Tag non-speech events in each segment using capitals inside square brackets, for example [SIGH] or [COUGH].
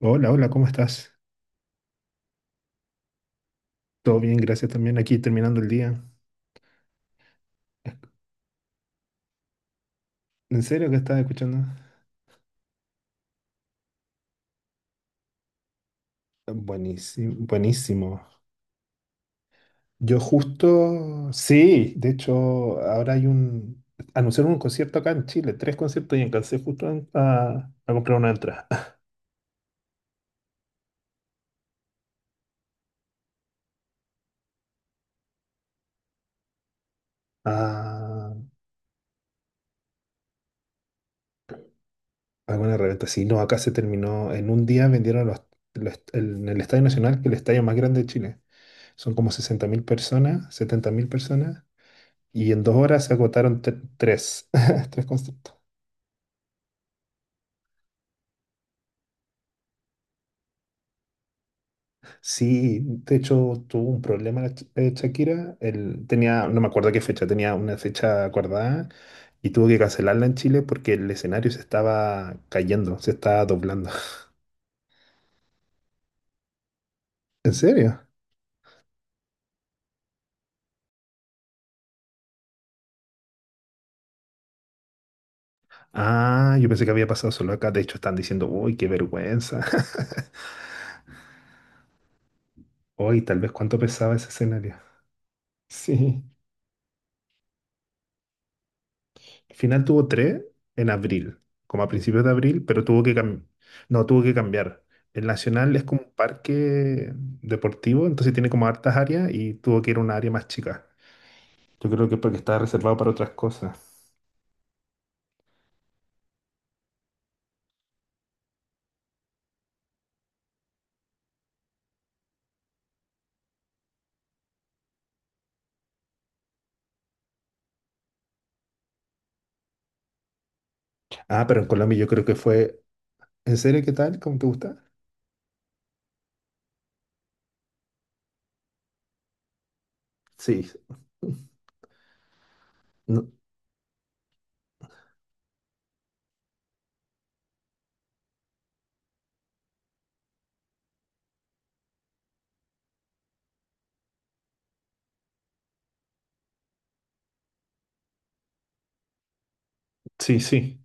Hola, hola, ¿cómo estás? Todo bien, gracias también. Aquí terminando el día. ¿En serio que estás escuchando? Buenísimo, buenísimo. Yo justo, sí, de hecho, anunciaron un concierto acá en Chile, tres conciertos y alcancé a comprar una entrada. [LAUGHS] Ah, alguna reventa, sí, no, acá se terminó, en un día vendieron en el Estadio Nacional, que es el estadio más grande de Chile. Son como 60.000 personas, 70.000 personas, y en 2 horas se agotaron tres, [LAUGHS] tres conciertos. Sí, de hecho tuvo un problema la Shakira. Él tenía, no me acuerdo qué fecha, tenía una fecha acordada y tuvo que cancelarla en Chile porque el escenario se estaba cayendo, se estaba doblando. [LAUGHS] ¿En serio? Ah, yo pensé que había pasado solo acá. De hecho, están diciendo, uy, qué vergüenza. [LAUGHS] Uy, tal vez cuánto pesaba ese escenario. Sí. Al final tuvo tres en abril, como a principios de abril, pero tuvo que no, tuvo que cambiar. El Nacional es como un parque deportivo, entonces tiene como hartas áreas y tuvo que ir a una área más chica. Yo creo que es porque estaba reservado para otras cosas. Ah, pero en Colombia yo creo que fue. ¿En serio qué tal? ¿Cómo te gusta? Sí. No, sí, sí.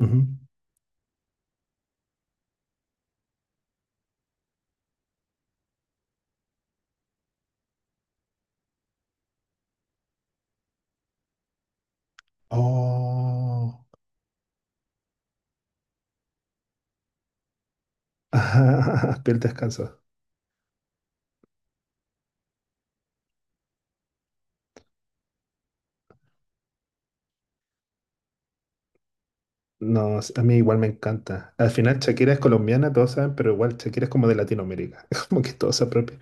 Ujú. Oh. [LAUGHS] Ajá, el descanso. No, a mí igual me encanta. Al final Shakira es colombiana, todos saben, pero igual Shakira es como de Latinoamérica. [LAUGHS] Es como que todo se apropia,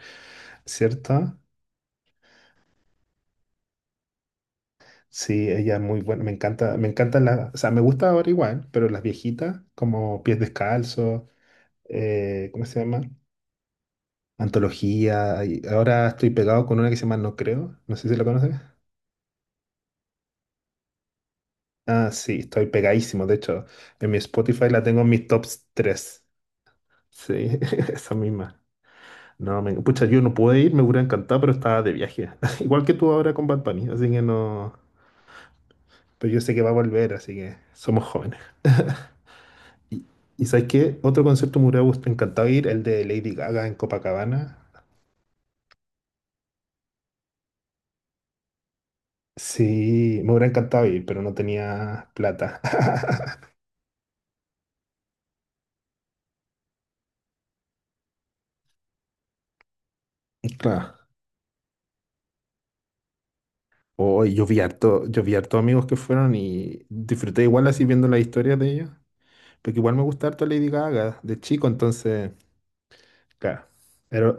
¿cierto? Sí, ella es muy buena. Me encanta, me encantan las, o sea, me gusta ahora igual, pero las viejitas, como Pies Descalzos, ¿cómo se llama? Antología. Y ahora estoy pegado con una que se llama No Creo. No sé si la conoces. Ah, sí, estoy pegadísimo. De hecho, en mi Spotify la tengo en mis tops tres. Sí, [LAUGHS] esa misma. No, me, pucha, yo no pude ir, me hubiera encantado, pero estaba de viaje. [LAUGHS] Igual que tú ahora con Bad Bunny, así que no. Pero yo sé que va a volver, así que somos jóvenes. [LAUGHS] ¿Y, y sabes qué? Otro concierto me hubiera encantado ir, el de Lady Gaga en Copacabana. Sí, me hubiera encantado ir, pero no tenía plata. [LAUGHS] Claro. Hoy yo vi harto amigos que fueron y disfruté igual así viendo las historias de ellos. Porque igual me gusta harto Lady Gaga de chico, entonces, claro. Era,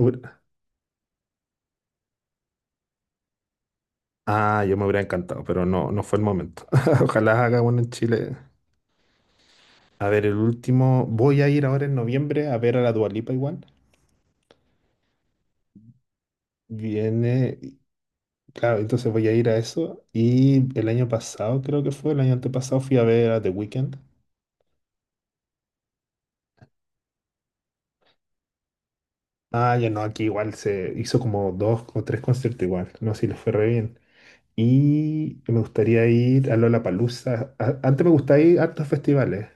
Ah, yo me hubiera encantado, pero no, no fue el momento. [LAUGHS] Ojalá haga bueno en Chile. A ver, el último. Voy a ir ahora en noviembre a ver a la Dua Lipa igual. Viene. Claro, entonces voy a ir a eso. Y el año pasado, creo que fue, el año antepasado, fui a ver a The Weeknd. Ah, ya no, aquí igual se hizo como dos o tres conciertos igual. No sé si les fue re bien. Y me gustaría ir a Lollapalooza. Antes me gustaba ir a hartos festivales,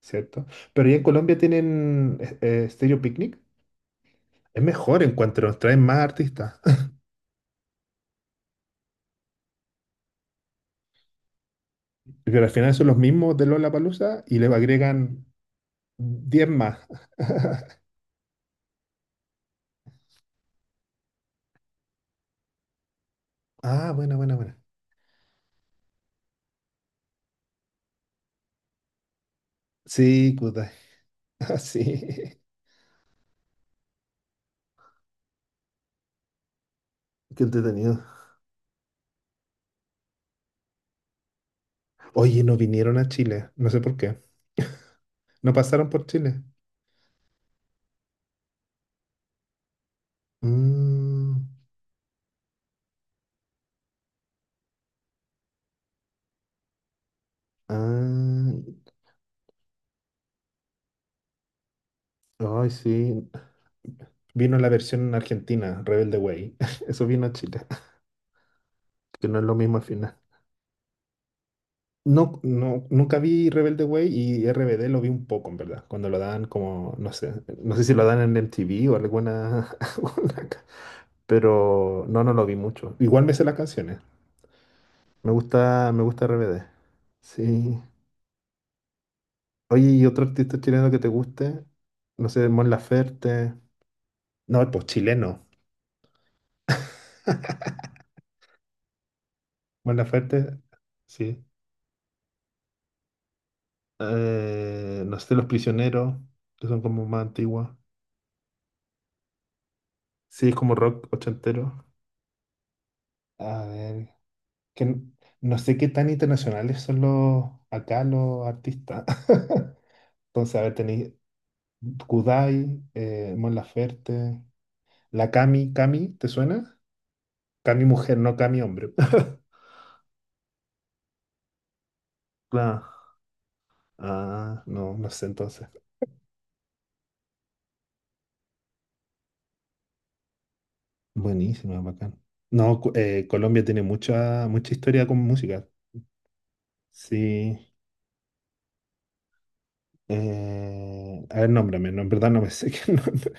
¿cierto? Pero ya en Colombia tienen Stereo Picnic. Es mejor, encuentro, nos traen más artistas. [LAUGHS] Pero al final son los mismos de Lollapalooza y le agregan 10 más. Ah, buena, buena, buena. Sí, Kudai. [LAUGHS] Ah, sí. Qué entretenido. Oye, no vinieron a Chile. No sé por qué. No pasaron por Chile. Mm, ah, ay, sí. Vino la versión argentina, Rebelde Way. [LAUGHS] Eso vino a Chile, que no es lo mismo al final. No, no, nunca vi Rebelde Way y RBD lo vi un poco, en verdad, cuando lo dan como, no sé, si lo dan en MTV o alguna, [LAUGHS] pero no, no lo vi mucho. Igual me sé las canciones, me gusta RBD, sí. Oye, ¿y otro artista chileno que te guste? No sé, Mon Laferte, no, pues chileno. [LAUGHS] Mon Laferte, sí. No sé, Los Prisioneros, que son como más antiguas. Sí, es como rock ochentero. A ver, que n- no sé qué tan internacionales son los acá los artistas. [LAUGHS] Entonces, a ver, tenéis Kudai, Mon Laferte, la Cami, Cami, ¿te suena? Cami mujer, no Cami hombre. [LAUGHS] Claro. Ah, no, no sé entonces. Buenísimo, bacán. No, Colombia tiene mucha, mucha historia con música. Sí. A ver, nómbrame, no, en verdad no me [LAUGHS] sé qué nombre.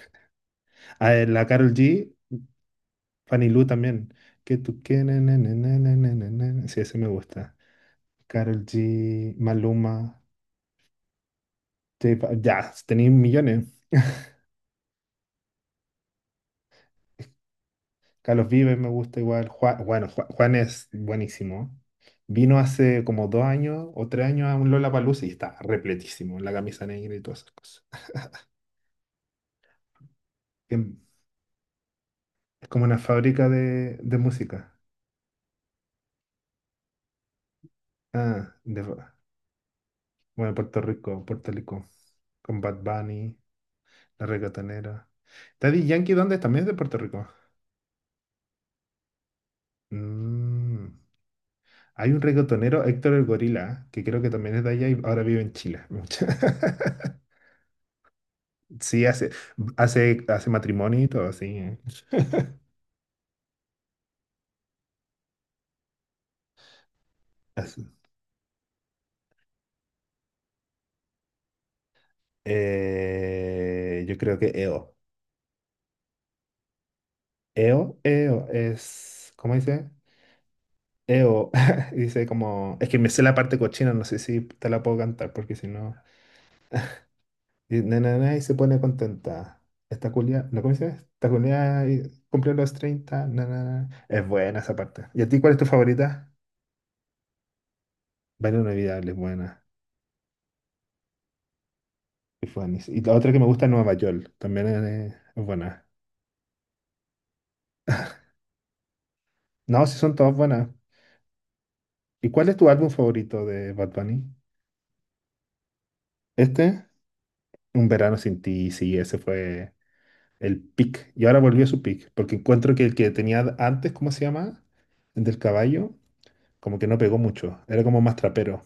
A ver, la Karol G, Fanny Lu también. Que tú que na, na, na, na, na, na, na, na. Sí, ese me gusta. Karol G, Maluma, ya, tenéis millones. Carlos Vives me gusta igual. Juan, bueno, Juan, es buenísimo. Vino hace como 2 años o 3 años a un Lollapalooza y está repletísimo, la camisa negra y todas esas cosas. Em, Es como una fábrica de música. Ah, bueno, Puerto Rico, Puerto Rico, con Bad Bunny, La Reggaetonera. Daddy Yankee, ¿dónde es? También es de Puerto Rico. Mm. Hay un reggaetonero, Héctor el Gorila, que creo que también es de allá y ahora vive en Chile. [LAUGHS] Sí, hace matrimonio y todo, así. Así. Yo creo que EO. EO, EO es, ¿cómo dice? EO, [LAUGHS] dice como, es que me sé la parte cochina, no sé si te la puedo cantar, porque si no, y, na, na, na, y se pone contenta. Esta culia, ¿no cómo dice? Esta culia y cumple los 30, na, na, na. Es buena esa parte. ¿Y a ti cuál es tu favorita? Vale, inolvidable, es buena. Es buena. Y la otra que me gusta es Nueva York, también es buena. No, sí son todas buenas. ¿Y cuál es tu álbum favorito de Bad Bunny? Este, Un verano sin ti, sí, ese fue el pick. Y ahora volvió a su pick, porque encuentro que el que tenía antes, ¿cómo se llama? El del caballo, como que no pegó mucho, era como más trapero.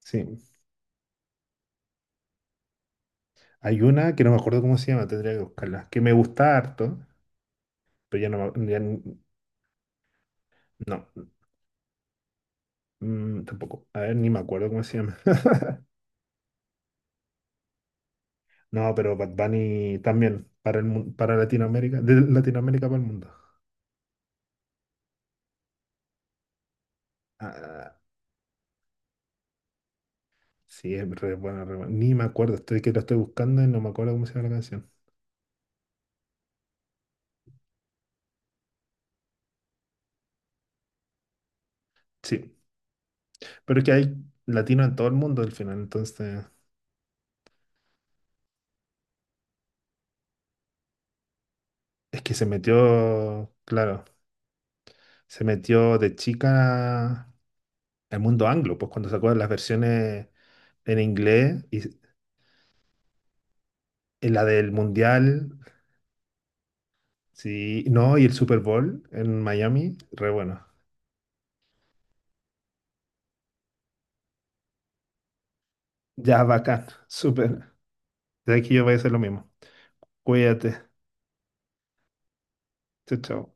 Sí. Hay una que no me acuerdo cómo se llama, tendría que buscarla, que me gusta harto, pero ya no, no, tampoco. A ver, ni me acuerdo cómo se llama. No, pero Bad Bunny también, para para Latinoamérica, de Latinoamérica para el mundo. Ah, sí, es re buena, re buena. Ni me acuerdo, estoy que lo estoy buscando y no me acuerdo cómo se llama la canción. Sí, pero es que hay latinos en todo el mundo al final, entonces es que se metió, claro, se metió de chica al mundo anglo, pues cuando sacó las versiones en inglés y la del Mundial, sí, no, y el Super Bowl en Miami, re bueno. Ya, bacán, súper. De aquí yo voy a hacer lo mismo. Cuídate. Chao, chao.